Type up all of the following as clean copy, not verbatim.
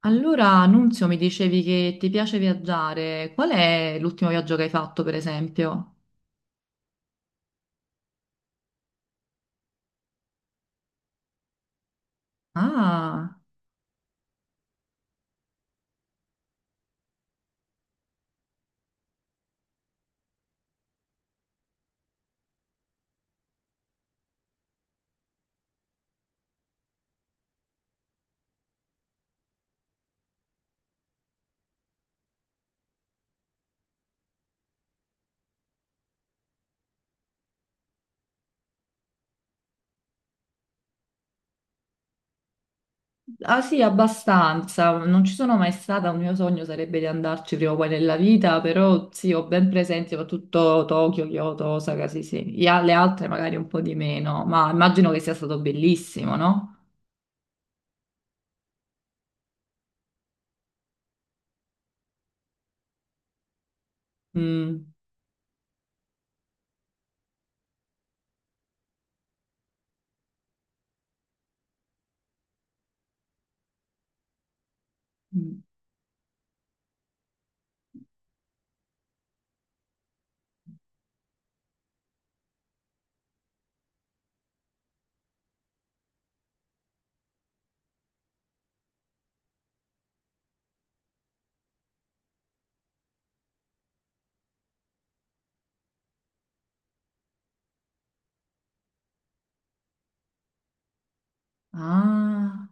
Allora, Nunzio, mi dicevi che ti piace viaggiare. Qual è l'ultimo viaggio che hai fatto, per esempio? Ah, ah sì, abbastanza. Non ci sono mai stata. Un mio sogno sarebbe di andarci prima o poi nella vita, però sì, ho ben presente soprattutto Tokyo, Kyoto, Osaka, sì, sì. Le altre magari un po' di meno, ma immagino che sia stato bellissimo, no? Mm. Mm. Ah.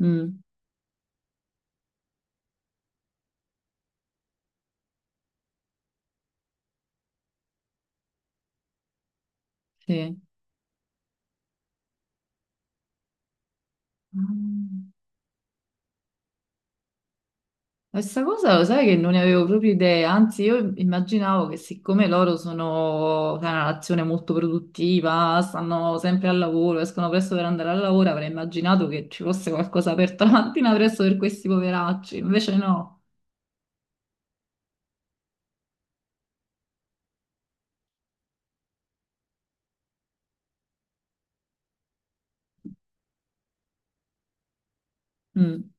Mm, sì. Ah. Questa cosa lo sai che non ne avevo proprio idea, anzi io immaginavo che siccome loro sono sai, una nazione molto produttiva, stanno sempre al lavoro, escono presto per andare al lavoro, avrei immaginato che ci fosse qualcosa aperto la mattina presto per questi poveracci, invece no. Mm.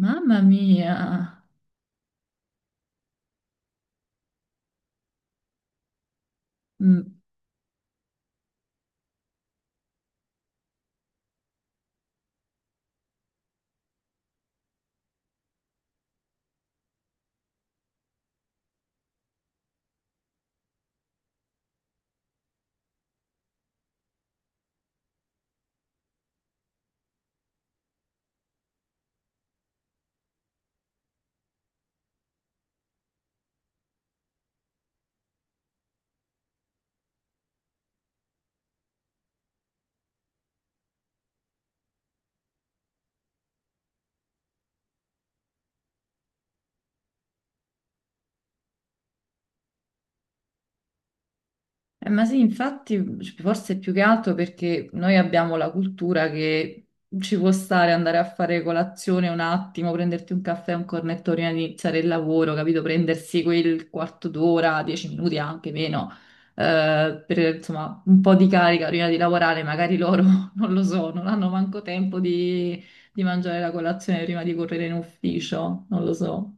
Mamma mia. Mm. Ma sì, infatti, cioè, forse è più che altro perché noi abbiamo la cultura che ci può stare andare a fare colazione un attimo, prenderti un caffè, un cornetto prima di iniziare il lavoro, capito? Prendersi quel quarto d'ora, dieci minuti anche meno, per insomma un po' di carica prima di lavorare. Magari loro non lo so, non hanno manco tempo di mangiare la colazione prima di correre in ufficio, non lo so.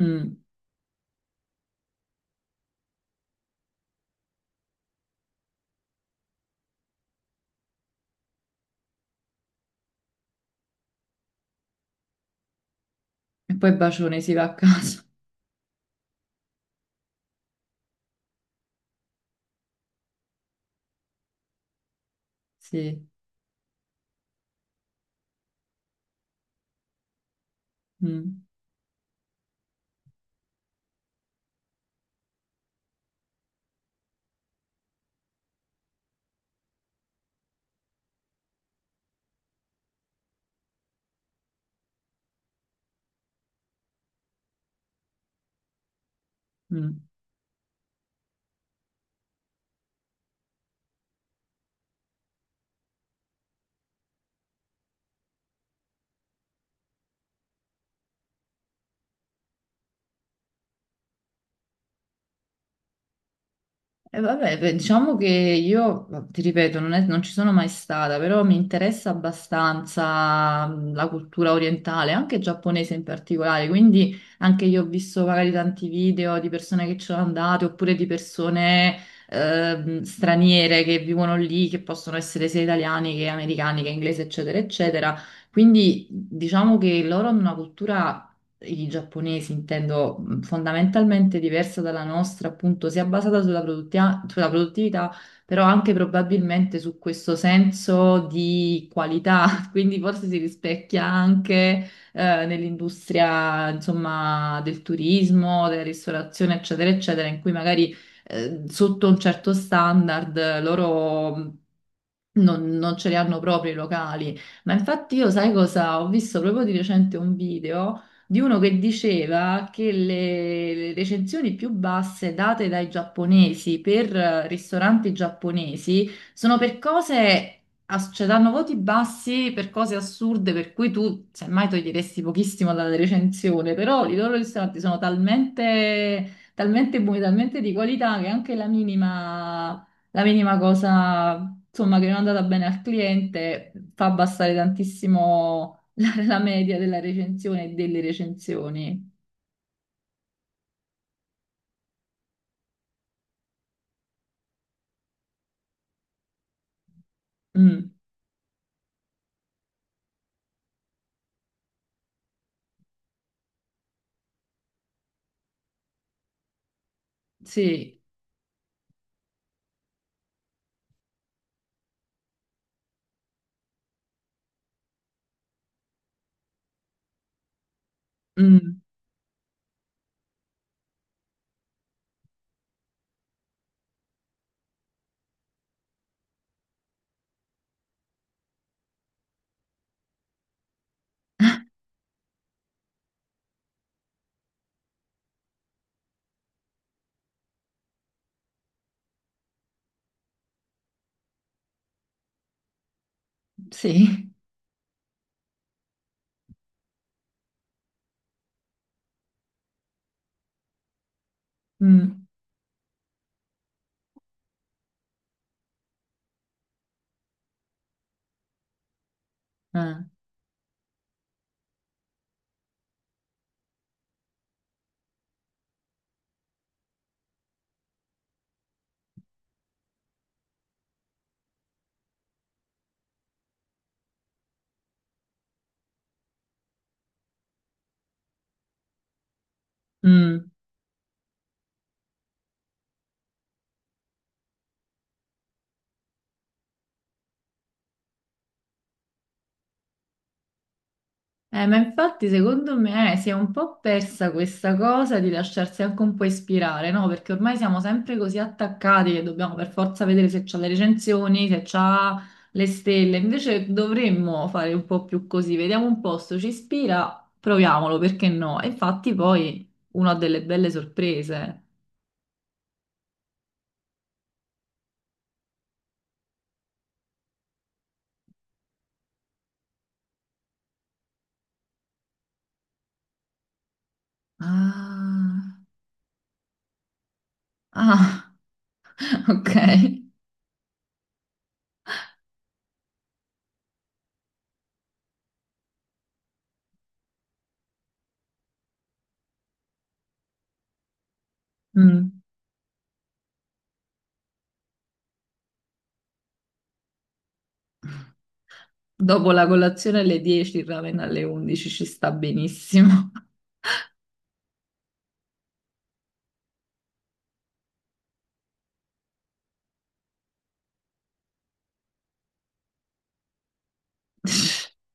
Mm. E poi bacione, si va a casa. Sì. Mm. Mm. E vabbè, beh, diciamo che io, ti ripeto, non ci sono mai stata, però mi interessa abbastanza la cultura orientale, anche giapponese in particolare, quindi anche io ho visto magari tanti video di persone che ci sono andate, oppure di persone straniere che vivono lì, che possono essere sia italiani che americani, che inglesi, eccetera, eccetera. Quindi diciamo che loro hanno una cultura i giapponesi, intendo fondamentalmente diversa dalla nostra, appunto, sia basata sulla sulla produttività, però anche probabilmente su questo senso di qualità, quindi forse si rispecchia anche nell'industria, insomma, del turismo, della ristorazione, eccetera, eccetera, in cui magari sotto un certo standard loro non ce li hanno proprio i locali. Ma infatti io sai cosa? Ho visto proprio di recente un video di uno che diceva che le recensioni più basse date dai giapponesi per ristoranti giapponesi sono per cose. Cioè, danno voti bassi per cose assurde per cui tu semmai toglieresti pochissimo dalla recensione, però i loro ristoranti sono talmente, talmente buoni, talmente di qualità che anche la minima cosa, insomma, che non è andata bene al cliente fa abbassare tantissimo la media della recensione e delle recensioni. Mm, sì, mm, sì, mm, eh, mm. Ma infatti secondo me si è un po' persa questa cosa di lasciarsi anche un po' ispirare, no? Perché ormai siamo sempre così attaccati che dobbiamo per forza vedere se c'ha le recensioni, se c'ha le stelle. Invece dovremmo fare un po' più così, vediamo un posto, ci ispira, proviamolo, perché no? E infatti poi uno ha delle belle sorprese. Ah, ah, ok. Mm. Dopo la colazione alle 10, il ramen alle 11 ci sta benissimo.